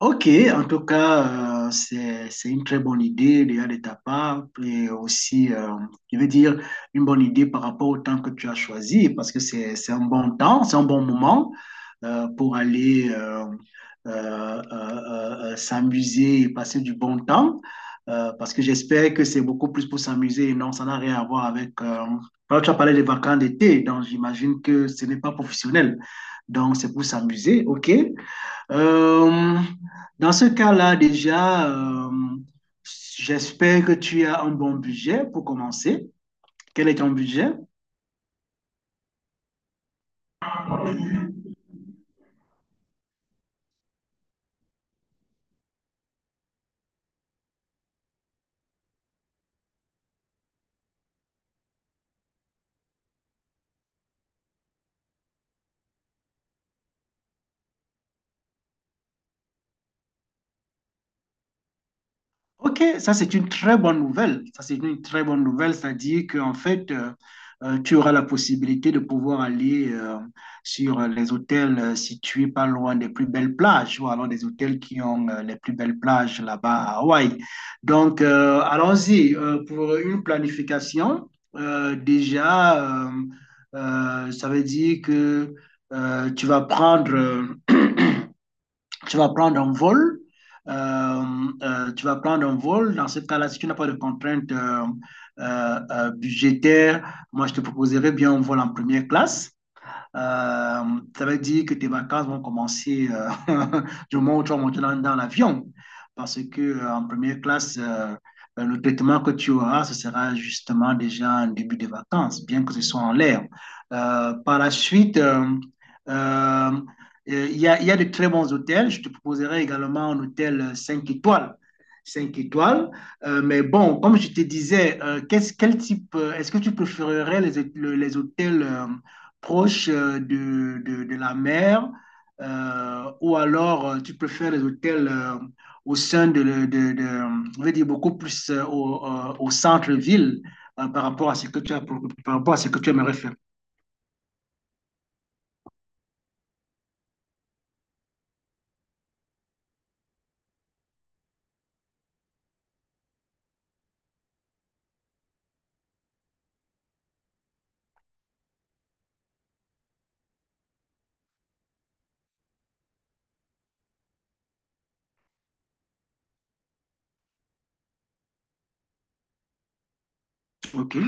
Ok, en tout cas, c'est une très bonne idée déjà de ta part et aussi, je veux dire, une bonne idée par rapport au temps que tu as choisi parce que c'est un bon temps, c'est un bon moment pour aller euh, euh, euh, s'amuser et passer du bon temps parce que j'espère que c'est beaucoup plus pour s'amuser et non, ça n'a rien à voir avec. Toi, tu as parlé des vacances d'été, donc j'imagine que ce n'est pas professionnel, donc c'est pour s'amuser, ok? Euh, Dans ce cas-là, déjà, j'espère que tu as un bon budget pour commencer. Quel est ton budget? Ok, ça c'est une très bonne nouvelle. Ça c'est une très bonne nouvelle, c'est-à-dire qu'en fait, tu auras la possibilité de pouvoir aller sur les hôtels situés pas loin des plus belles plages, ou alors des hôtels qui ont les plus belles plages là-bas à Hawaï. Donc, allons-y pour une planification. Déjà, ça veut dire que tu vas prendre un vol. euh, Tu vas prendre un vol. Dans ce cas-là, si tu n'as pas de contraintes budgétaires, moi, je te proposerais bien un vol en première classe. Euh, Ça veut dire que tes vacances vont commencer du moment où tu vas monter dans l'avion. Parce que en première classe, le traitement que tu auras, ce sera justement déjà un début de vacances, bien que ce soit en l'air. Par la suite, euh, il y a de très bons hôtels. Je te proposerai également un hôtel 5 étoiles. Cinq étoiles. Mais bon, comme je te disais, quel type, est-ce que tu préférerais les hôtels proche de la mer, ou alors tu préfères les hôtels au sein de, le- de- je vais dire beaucoup plus au centre-ville par rapport à ce que par rapport à ce que tu aimerais faire. OK.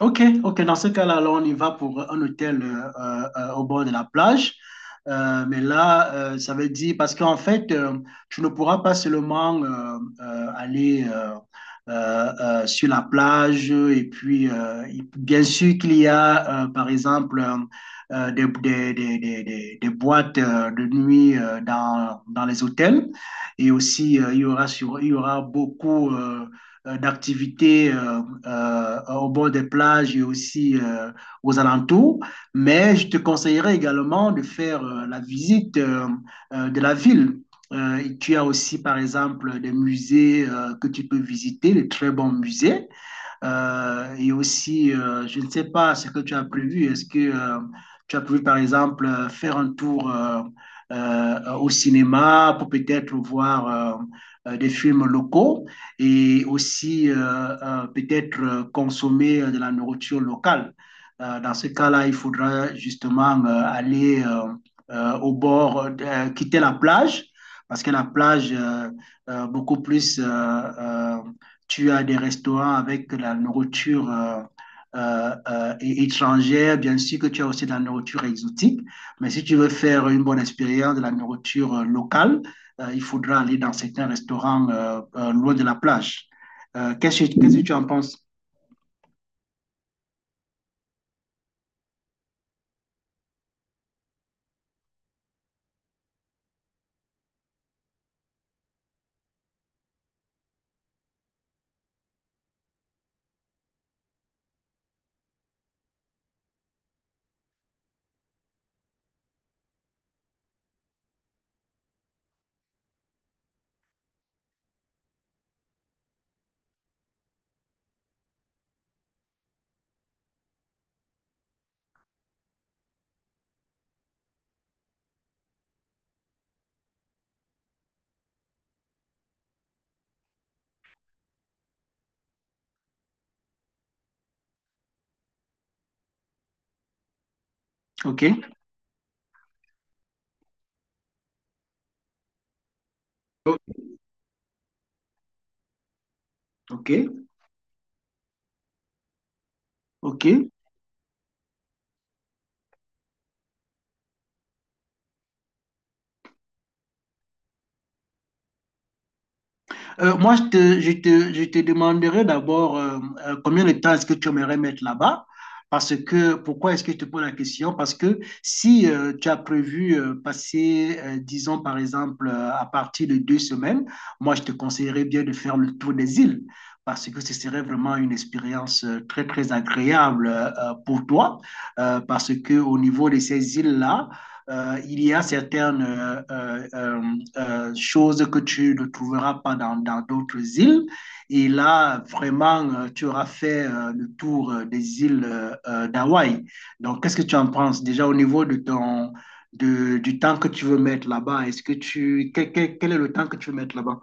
Ok, ok. Dans ce cas-là, alors on y va pour un hôtel au bord de la plage. Mais là, ça veut dire, parce qu'en fait, tu ne pourras pas seulement aller sur la plage. Et puis, bien sûr qu'il y a, par exemple, des boîtes de nuit dans les hôtels. Et aussi, il y aura beaucoup d'activités au bord des plages et aussi aux alentours. Mais je te conseillerais également de faire la visite de la ville. Tu as aussi, par exemple, des musées que tu peux visiter, de très bons musées. Et aussi, je ne sais pas ce que tu as prévu. Est-ce que tu as prévu, par exemple, faire un tour au cinéma pour peut-être voir des films locaux et aussi peut-être consommer de la nourriture locale? Dans ce cas-là, il faudra justement aller au bord, quitter la plage, parce que la plage, beaucoup plus tu as des restaurants avec la nourriture euh, euh, étrangère, bien sûr que tu as aussi de la nourriture exotique, mais si tu veux faire une bonne expérience de la nourriture locale, il faudra aller dans certains restaurants loin de la plage. Qu'est-ce que tu en penses? OK, OK, OK. Moi, je te demanderai d'abord combien de temps est-ce que tu aimerais mettre là-bas? Parce que, pourquoi est-ce que je te pose la question? Parce que si tu as prévu passer, disons par exemple, à partir de deux semaines, moi, je te conseillerais bien de faire le tour des îles. Parce que ce serait vraiment une expérience très, très agréable pour toi. Parce que au niveau de ces îles-là, il y a certaines choses que tu ne trouveras pas dans d'autres îles. Et là, vraiment, tu auras fait le tour des îles d'Hawaï. Donc, qu'est-ce que tu en penses déjà au niveau du temps que tu veux mettre là-bas? Est-ce quel est le temps que tu veux mettre là-bas?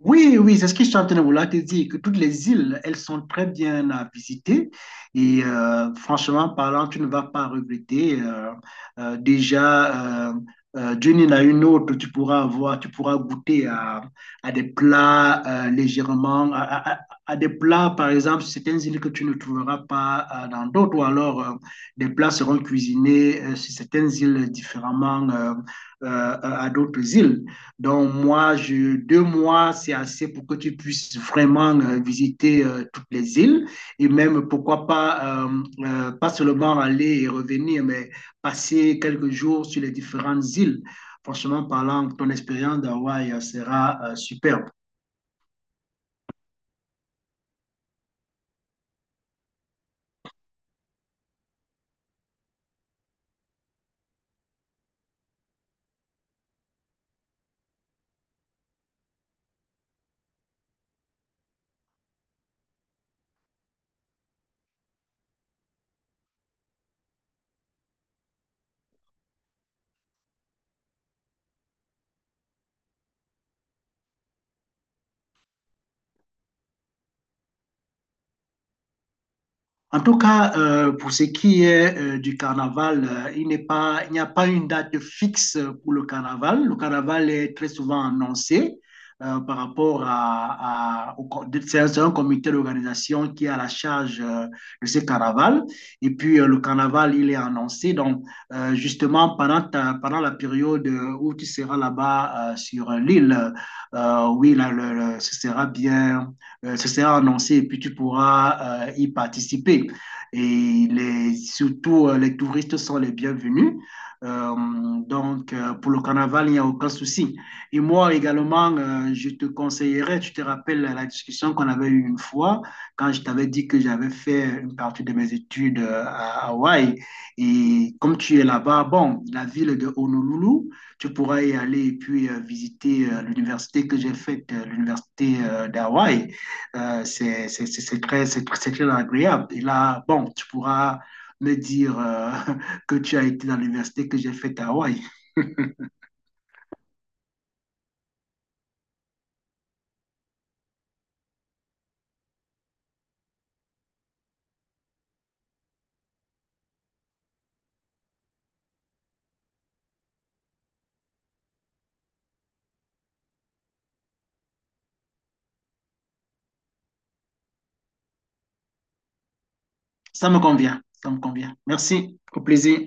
Oui, oui, c'est ce que je suis en train de vouloir te dire, que toutes les îles, elles sont très bien à visiter. Et franchement parlant, tu ne vas pas regretter. Déjà, Dieu n'en a une autre, tu pourras goûter à des plats légèrement, à des plats, par exemple, sur certaines îles que tu ne trouveras pas dans d'autres, ou alors des plats seront cuisinés sur certaines îles différemment à d'autres îles. Donc, deux mois, c'est assez pour que tu puisses vraiment visiter toutes les îles et même, pourquoi pas, pas seulement aller et revenir, mais passer quelques jours sur les différentes îles. Franchement parlant, ton expérience d'Hawaï sera superbe. En tout cas, pour ce qui est du carnaval, il n'y a pas une date fixe pour le carnaval. Le carnaval est très souvent annoncé par rapport à- au, c'est un comité d'organisation qui a la charge de ce carnaval. Et puis, le carnaval, il est annoncé. Donc, justement, pendant la période où tu seras là-bas sur l'île, oui, là, ce sera bien ce sera annoncé et puis tu pourras y participer. Et les touristes sont les bienvenus. Euh, pour le carnaval, il n'y a aucun souci. Et moi également, je te conseillerais, tu te rappelles la discussion qu'on avait eue une fois, quand je t'avais dit que j'avais fait une partie de mes études à Hawaï. Et comme tu es là-bas, bon, la ville de Honolulu, tu pourras y aller et puis visiter l'université que j'ai faite, l'université d'Hawaï. C'est très, c'est très agréable. Et là, bon, tu pourras me dire que tu as été dans l'université que j'ai faite à Hawaï. Ça me convient, ça me convient. Merci, au plaisir.